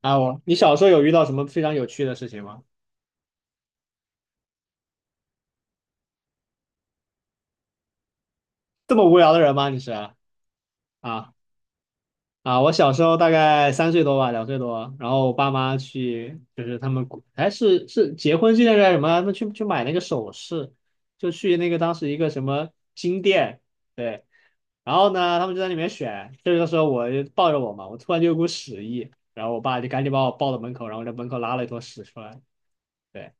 啊，我，你小时候有遇到什么非常有趣的事情吗？这么无聊的人吗？你是啊。啊！我小时候大概三岁多吧，两岁多，然后我爸妈去，就是他们哎是结婚纪念日还是什么，他们去买那个首饰，就去那个当时一个什么金店，对，然后呢他们就在里面选，这个时候我就抱着我嘛，我突然就有股屎意，然后我爸就赶紧把我抱到门口，然后在门口拉了一坨屎出来。对。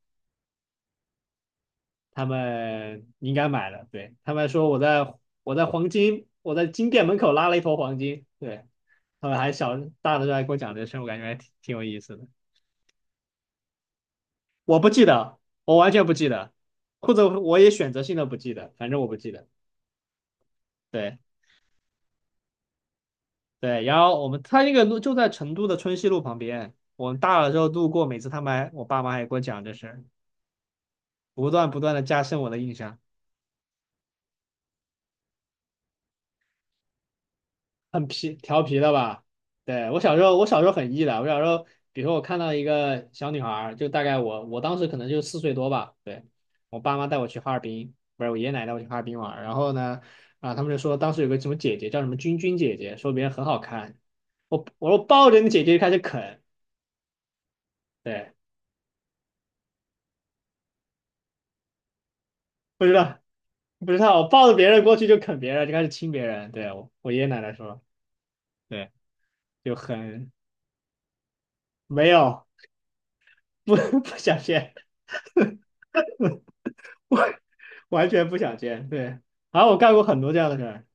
他们应该买了，对，他们说我在我在黄金我在金店门口拉了一坨黄金，对，他们还小大的时候还跟我讲这事，我感觉还挺有意思的。我不记得，我完全不记得，或者我也选择性的不记得，反正我不记得。对对，然后我们他那个路就在成都的春熙路旁边，我们大了之后路过，每次他们还我爸妈还给我讲这事儿，不断不断的加深我的印象。调皮的吧？对，我小时候很 E 的。我小时候，比如说我看到一个小女孩儿，就大概我当时可能就四岁多吧。对，我爸妈带我去哈尔滨，不是我爷爷奶奶带我去哈尔滨玩儿。然后呢，啊，他们就说当时有个什么姐姐叫什么君君姐姐，说别人很好看。我说抱着你姐姐就开始啃，对，不知道不知道，我抱着别人过去就啃别人，就开始亲别人。对，我爷爷奶奶说，对，就很没有不 不想骗我。完全不想见。对，啊，我干过很多这样的事儿。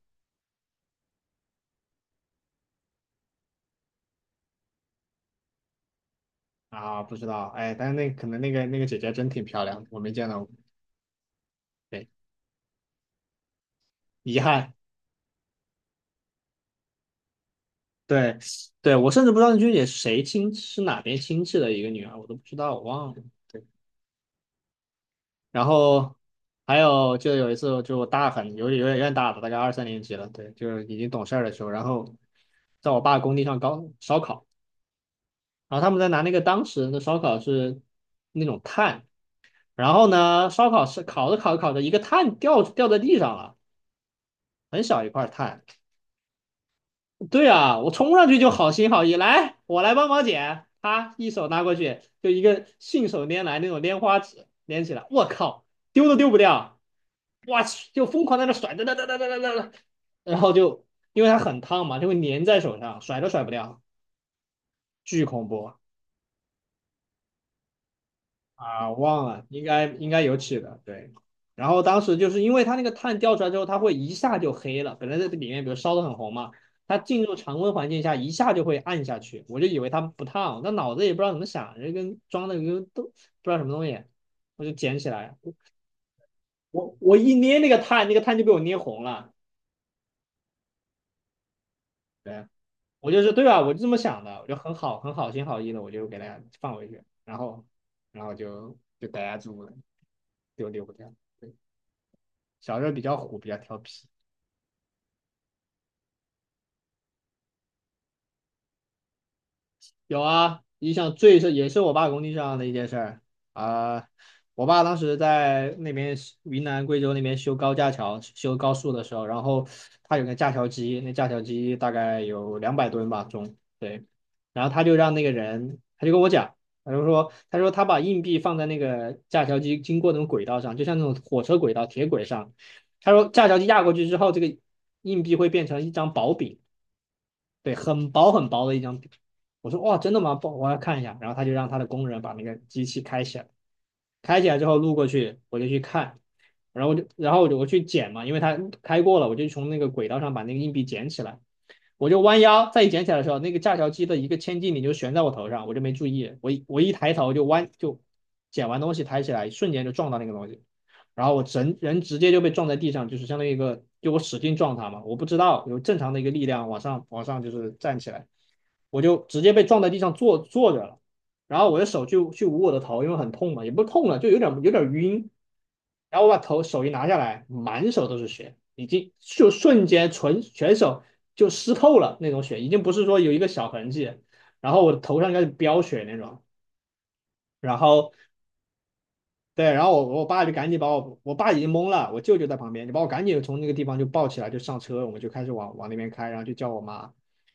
啊，不知道，哎，但是那可能那个姐姐真挺漂亮的，我没见到过，对，遗憾。对，对，我甚至不知道那学姐是谁亲，是哪边亲戚的一个女儿，我都不知道，我忘了。对，然后就有一次，就我大有点大了，大概二三年级了，对，就是已经懂事儿的时候，然后在我爸工地上搞烧烤，然后他们在拿那个当时的烧烤是那种炭。然后呢，烧烤是烤着烤着烤着，一个碳掉在地上了，很小一块碳。对啊，我冲上去就好心好意，来，我来帮忙捡。他一手拿过去，就一个信手拈来那种拈花指拈起来，我靠，丢都丢不掉，我去，就疯狂在那甩，哒哒哒哒哒哒哒，然后就因为它很烫嘛，就会粘在手上，甩都甩不掉，巨恐怖。啊，忘了，应该有起的，对。然后当时就是因为它那个碳掉出来之后，它会一下就黑了。本来在这里面，比如烧得很红嘛，它进入常温环境下一下就会暗下去。我就以为它不烫，但脑子也不知道怎么想，就跟装的跟都不知道什么东西，我就捡起来，我一捏那个碳，那个碳就被我捏红了。对，我就是对吧？我就这么想的，我就很好心好意的，我就给大家放回去，然后就逮家住了，就丢不掉。对，小时候比较虎，比较调皮。有啊，印象最是也是我爸工地上的一件事儿。啊、我爸当时在那边云南贵州那边修高架桥、修高速的时候，然后他有个架桥机，那架桥机大概有200吨吧重，对。然后他就让那个人，他就跟我讲，他就说，他说他把硬币放在那个架桥机经过那种轨道上，就像那种火车轨道、铁轨上。他说架桥机压过去之后，这个硬币会变成一张薄饼。对，很薄很薄的一张纸。我说哇，真的吗？不，我要看一下。然后他就让他的工人把那个机器开起来。开起来之后路过去，我就去看，然后我就我去捡嘛，因为它开过了，我就从那个轨道上把那个硬币捡起来，我就弯腰再一捡起来的时候，那个架桥机的一个千斤顶就悬在我头上，我就没注意，我一抬头就捡完东西抬起来，瞬间就撞到那个东西，然后我人直接就被撞在地上，就是相当于一个就我使劲撞它嘛，我不知道有正常的一个力量往上往上就是站起来。我就直接被撞在地上坐着了，然后我的手去捂我的头，因为很痛嘛，也不痛了，就有点晕。然后我把头手一拿下来，满手都是血，已经就瞬间全手就湿透了那种血，已经不是说有一个小痕迹。然后我头上应该是飙血那种，然后对，然后我爸就赶紧把我，我爸已经懵了，我舅舅在旁边，就把我赶紧从那个地方就抱起来，就上车，我们就开始往往那边开，然后就叫我妈，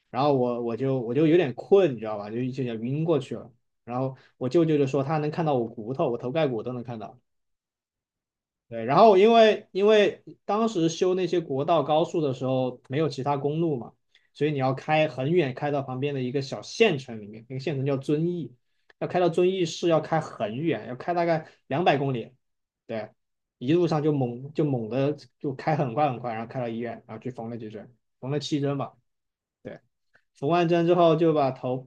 然后我就我就有点困，你知道吧，就想晕过去了，然后我舅舅就说他能看到我骨头，我头盖骨都能看到，对，然后因为当时修那些国道高速的时候没有其他公路嘛，所以你要开很远，开到旁边的一个小县城里面，那个县城叫遵义，要开到遵义市要开很远，要开大概200公里，对，一路上就猛的就开很快很快，然后开到医院，然后去缝了几针，缝了7针吧，对，缝完针之后就把头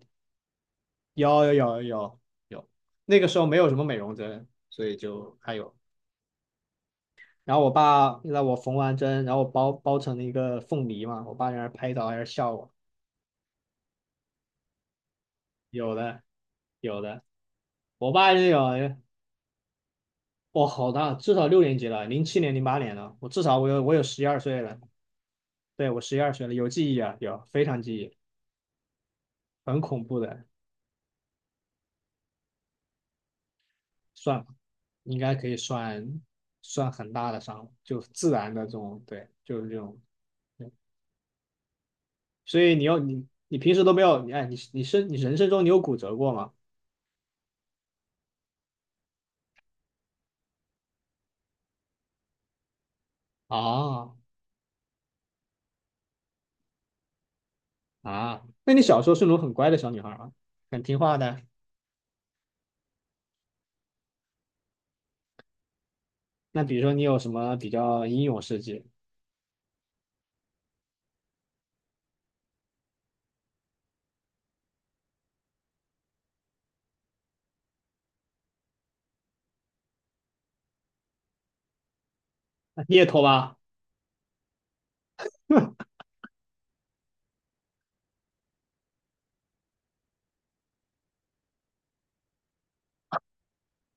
有有有有有，那个时候没有什么美容针，所以就还有然后我爸让我缝完针，然后我包成了一个凤梨嘛，我爸在那儿拍照，在那笑我。有的，有的，我爸那种，我好大，至少六年级了，2007年、2008年了，我至少我有十一二岁了，对，我十一二岁了，有记忆啊，有非常记忆，很恐怖的，算吧，应该可以算算很大的伤，就自然的这种，对，就是这种，对，所以你要你平时都没有，你哎，你人生中你有骨折过吗？啊，啊，那你小时候是那种很乖的小女孩吗？很听话的？那比如说你有什么比较英勇事迹？那你也拖吧，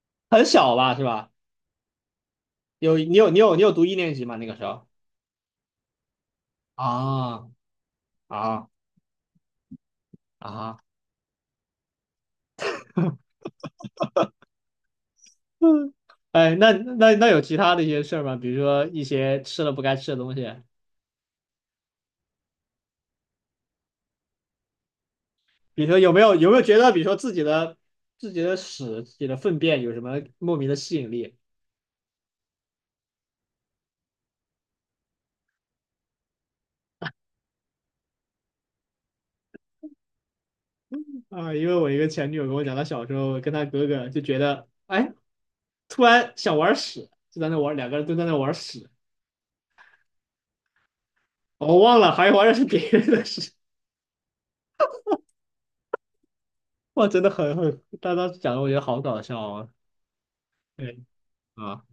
很小吧，是吧？有你有你有你有读一年级吗？那个时候？啊啊啊！嗯，哎，那有其他的一些事儿吗？比如说一些吃了不该吃的东西，比如说有没有觉得，比如说自己的屎、自己的粪便有什么莫名的吸引力？啊，因为我一个前女友跟我讲，她小时候跟她哥哥就觉得，哎，突然想玩屎，就在那玩，两个人都在那玩屎，我忘了，还玩的是别人的屎，哇，真的很，她当时讲的我觉得好搞笑啊，对啊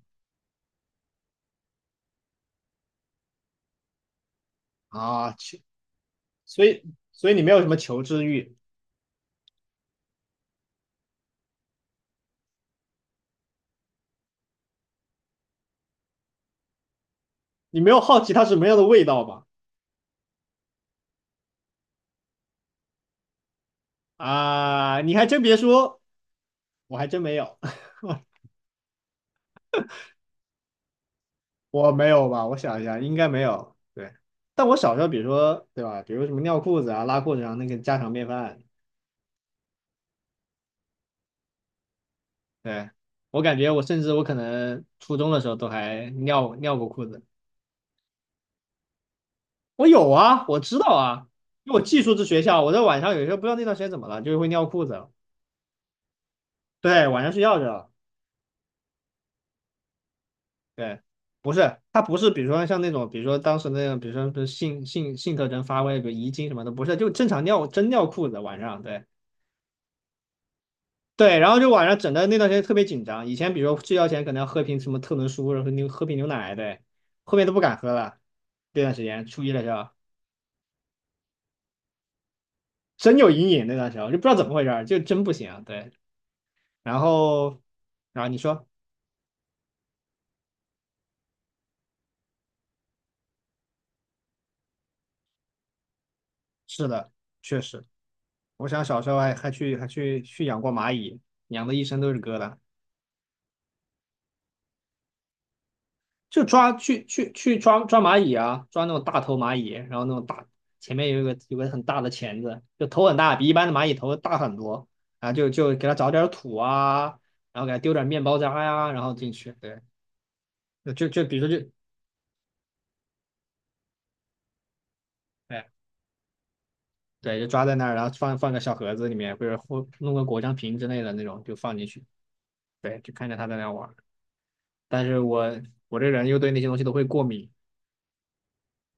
啊，去，所以所以你没有什么求知欲，你没有好奇它什么样的味道吧？啊，你还真别说，我还真没有，我没有吧？我想一下，应该没有。对。但我小时候，比如说，对吧？比如什么尿裤子啊、拉裤子上那个家常便饭，对，我感觉我甚至我可能初中的时候都还尿尿过裤子，我有啊，我知道啊，因为我寄宿制学校，我在晚上有时候不知道那段时间怎么了，就会尿裤子，对，晚上睡觉去了，对，不是，他不是，比如说像那种，比如说当时那样，比如说是性特征发威，比如遗精什么的，不是，就正常尿真尿裤子晚上，对对，然后就晚上整的那段时间特别紧张，以前比如说睡觉前可能要喝瓶什么特仑苏，然后喝瓶牛奶，对，后面都不敢喝了，这段时间初一的时候。真有阴影那段时间，我就不知道怎么回事就真不行。啊。对，然后，然后你说是的，确实，我想小时候还还去还去去养过蚂蚁，养的一身都是疙瘩，就抓去去去抓抓蚂蚁啊，抓那种大头蚂蚁，然后那种大前面有个很大的钳子，就头很大，比一般的蚂蚁头大很多，啊。就给它找点土啊，然后给它丢点面包渣呀、然后进去，对，就比如说就。对对，就抓在那儿，然后放个小盒子里面，或者弄个果酱瓶之类的那种，就放进去。对，就看着他在那玩儿。但是我这人又对那些东西都会过敏，